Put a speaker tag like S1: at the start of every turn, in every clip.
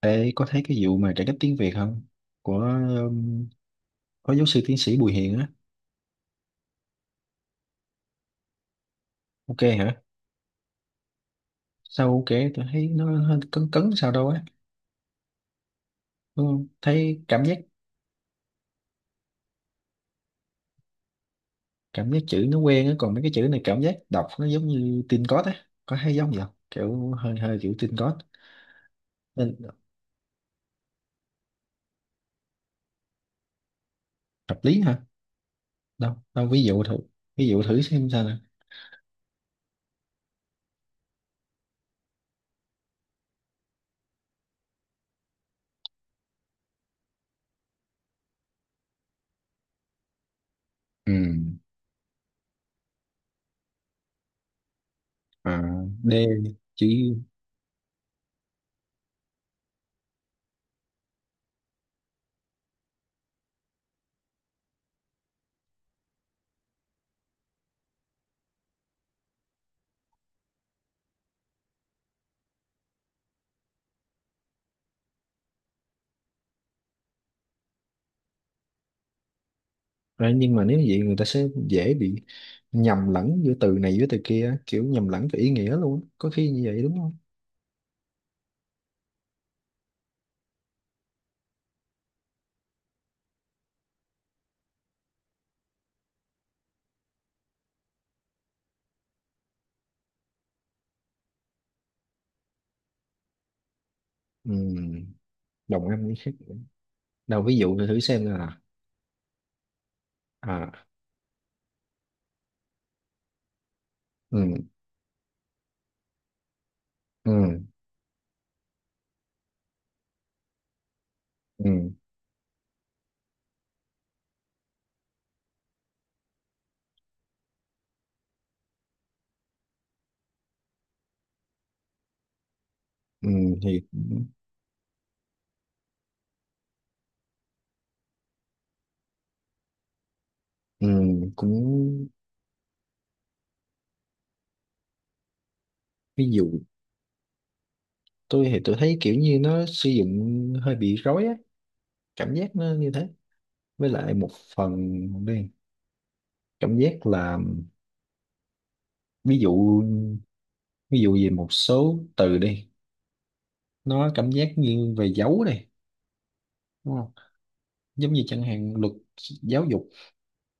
S1: Ê, có thấy cái vụ mà cải cách tiếng Việt không? Của um, có giáo sư tiến sĩ Bùi Hiền á. Ok hả? Sao ok? Tôi thấy nó hơi cấn cấn sao đâu á. Đúng không? Thấy cảm giác chữ nó quen á. Còn mấy cái chữ này cảm giác đọc nó giống như tin cót á. Có thấy giống gì không? Kiểu hơi hơi kiểu tin cót. Nên hợp lý hả? Đâu, đâu ví dụ thử. Ví dụ thử xem sao nè. Ừ. À, D chữ đấy nhưng mà nếu như vậy người ta sẽ dễ bị nhầm lẫn giữa từ này với từ kia á, kiểu nhầm lẫn về ý nghĩa luôn á. Có khi như vậy đúng không? Ừ, đồng âm với khác đâu ví dụ tôi thử xem là à. Ừ, ừ, ừ, ừ, thì ừ, cũng ví dụ tôi thì tôi thấy kiểu như nó sử dụng hơi bị rối á, cảm giác nó như thế. Với lại một phần đi, cảm giác là ví dụ, ví dụ về một số từ đi, nó cảm giác như về dấu này đúng không? Giống như chẳng hạn luật giáo dục,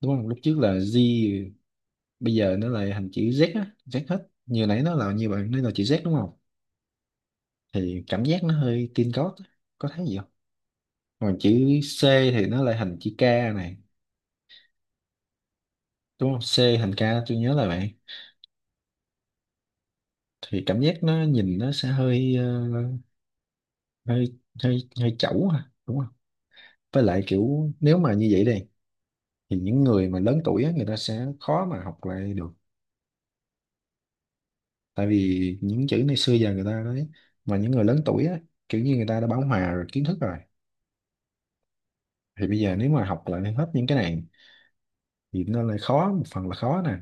S1: đúng không, lúc trước là Z, bây giờ nó lại thành chữ Z á, Z hết như nãy nó là như bạn nói là chữ Z đúng không, thì cảm giác nó hơi teen code á. Có thấy gì không? Còn chữ C thì nó lại thành chữ K này, đúng không, C thành K tôi nhớ là vậy, thì cảm giác nó nhìn nó sẽ hơi hơi hơi chẩu ha đúng không. Với lại kiểu nếu mà như vậy đây thì những người mà lớn tuổi á, người ta sẽ khó mà học lại được. Tại vì những chữ này xưa giờ người ta nói, mà những người lớn tuổi á, kiểu như người ta đã bão hòa rồi, kiến thức rồi, thì bây giờ nếu mà học lại hết những cái này thì nó lại khó, một phần là khó nè,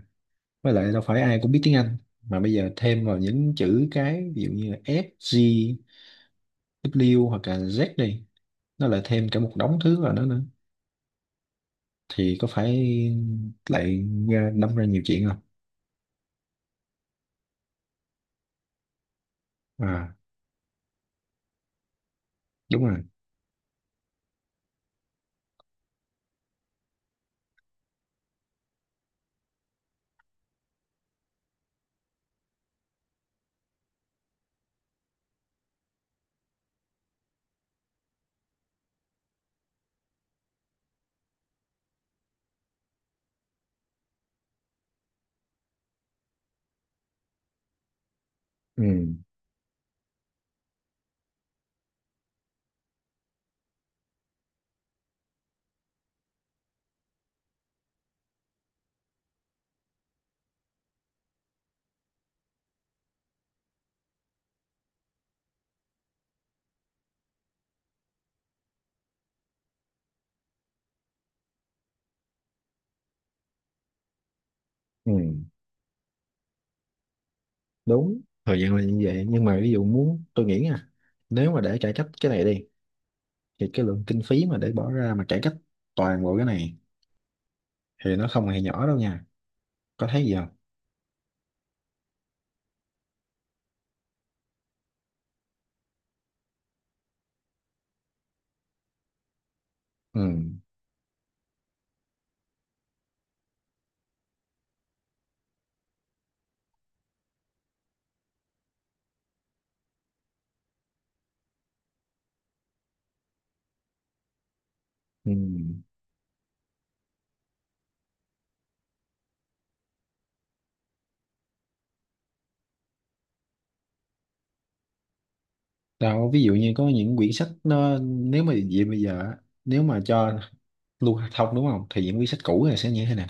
S1: với lại đâu phải ai cũng biết tiếng Anh, mà bây giờ thêm vào những chữ cái ví dụ như là F, G, W hoặc là Z đi, nó lại thêm cả một đống thứ vào đó nữa, thì có phải lại đâm ra nhiều chuyện không? À đúng rồi. Ừ. Ừ, đúng thời gian là như vậy nhưng mà ví dụ muốn tôi nghĩ nha, nếu mà để cải cách cái này đi thì cái lượng kinh phí mà để bỏ ra mà cải cách toàn bộ cái này thì nó không hề nhỏ đâu nha, có thấy gì không? Ừ. Ừ. Đâu ví dụ như có những quyển sách nó nếu mà vậy bây giờ á, nếu mà cho lưu thông đúng không thì những quyển sách cũ này sẽ như thế nè.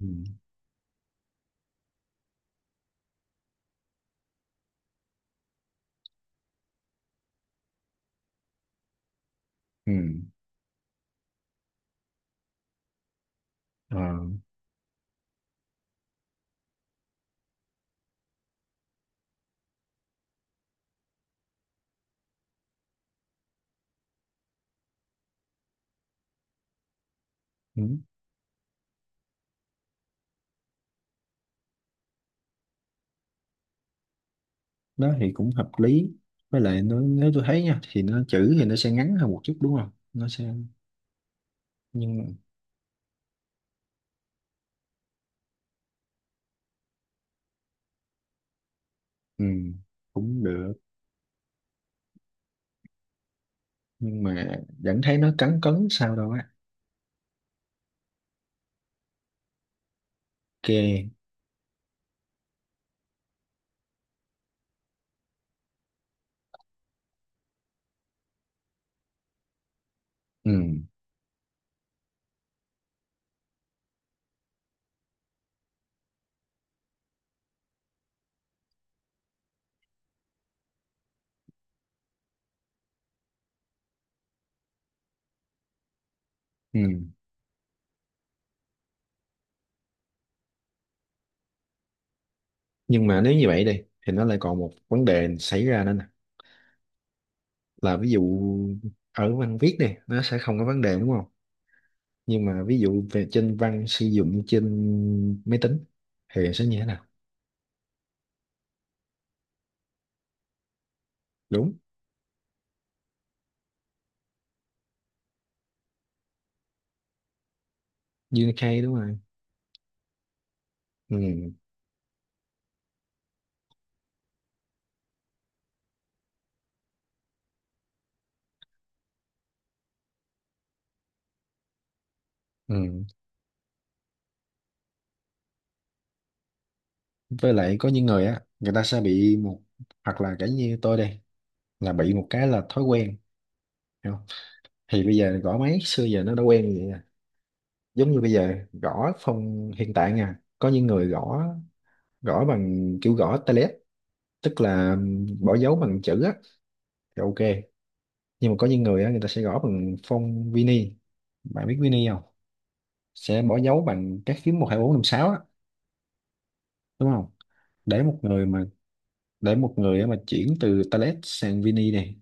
S1: Ừ. Ừ. Ờ. Ừ. Đó thì cũng hợp lý, với lại nó, nếu tôi thấy nha thì nó chữ thì nó sẽ ngắn hơn một chút đúng không, nó sẽ nhưng ừ cũng được. Nhưng mà vẫn thấy nó cấn cấn sao đâu á. Ok. Ừ. Ừ. Nhưng mà nếu như vậy đi thì nó lại còn một vấn đề xảy ra nữa nè, là ví dụ ở văn viết này nó sẽ không có vấn đề đúng không, nhưng mà ví dụ về trên văn sử dụng trên máy tính thì sẽ như thế nào? Đúng. Unicode đúng rồi. Ừ, ừ. Với lại có những người á người ta sẽ bị một, hoặc là cả như tôi đây, là bị một cái là thói quen, hiểu không? Thì bây giờ gõ máy xưa giờ nó đã quen vậy à. Giống như bây giờ gõ phong hiện tại nha, có những người gõ, gõ bằng kiểu gõ tay, tức là bỏ dấu bằng chữ á, thì ok. Nhưng mà có những người á người ta sẽ gõ bằng phông Vini, bạn biết Vini không, sẽ bỏ dấu bằng các phím một hai bốn năm sáu á, đúng không? Để một người mà, để một người á mà chuyển từ Talet sang Vini này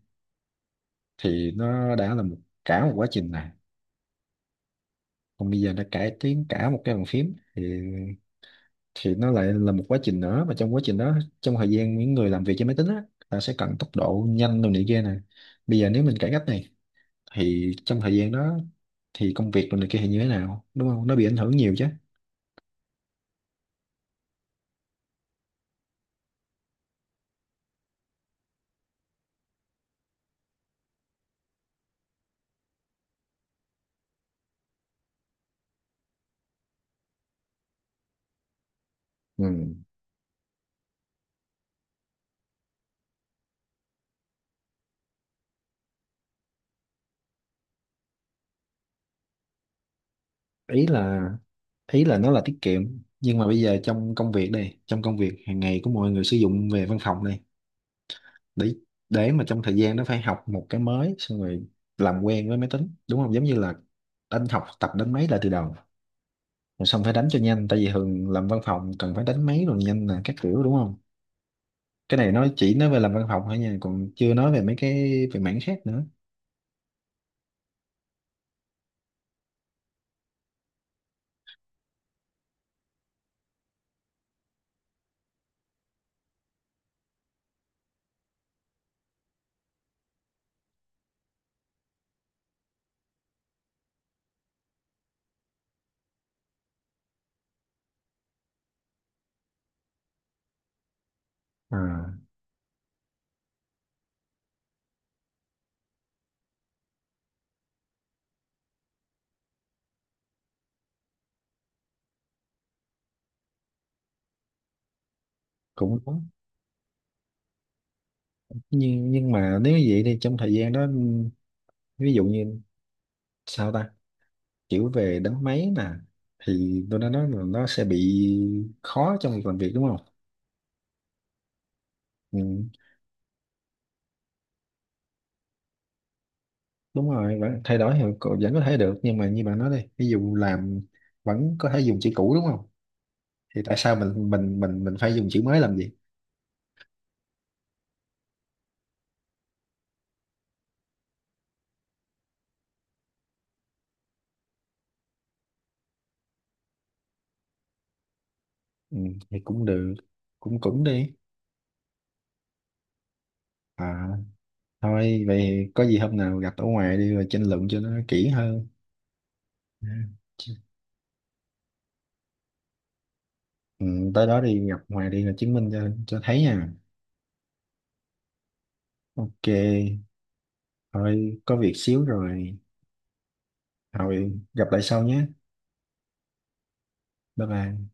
S1: thì nó đã là một, cả một quá trình này. Còn bây giờ đã cải tiến cả một cái bàn phím thì nó lại là một quá trình nữa, mà trong quá trình đó, trong thời gian những người làm việc trên máy tính á, ta sẽ cần tốc độ nhanh đồ này kia nè, bây giờ nếu mình cải cách này thì trong thời gian đó thì công việc rồi này kia thì như thế nào, đúng không, nó bị ảnh hưởng nhiều chứ. Ừ. Ý là, ý là nó là tiết kiệm, nhưng mà bây giờ trong công việc đây, trong công việc hàng ngày của mọi người sử dụng về văn phòng đây, để để mà trong thời gian nó phải học một cái mới xong rồi làm quen với máy tính đúng không, giống như là đánh, học tập đánh máy lại từ đầu, rồi xong phải đánh cho nhanh tại vì thường làm văn phòng cần phải đánh máy rồi nhanh là các kiểu đúng không. Cái này nói chỉ nói về làm văn phòng thôi nha, còn chưa nói về mấy cái về mảng khác nữa. À cũng đúng. Nhưng mà nếu như vậy thì trong thời gian đó ví dụ như sao ta, kiểu về đánh máy nè, thì tôi đã nói là nó sẽ bị khó trong việc làm việc đúng không. Ừ, đúng rồi vẫn thay đổi thì cậu vẫn có thể được, nhưng mà như bạn nói đây ví dụ làm, vẫn có thể dùng chữ cũ đúng không, thì tại sao mình phải dùng chữ mới làm gì. Ừ, thì cũng được. Cũng cũng đi. À thôi vậy có gì hôm nào gặp ở ngoài đi rồi tranh luận cho nó kỹ hơn. Ừ. Ừ, tới đó đi gặp Hòa đi là chứng minh cho thấy nha. Ok, thôi có việc xíu rồi. Thôi gặp lại sau nhé. Bye bye.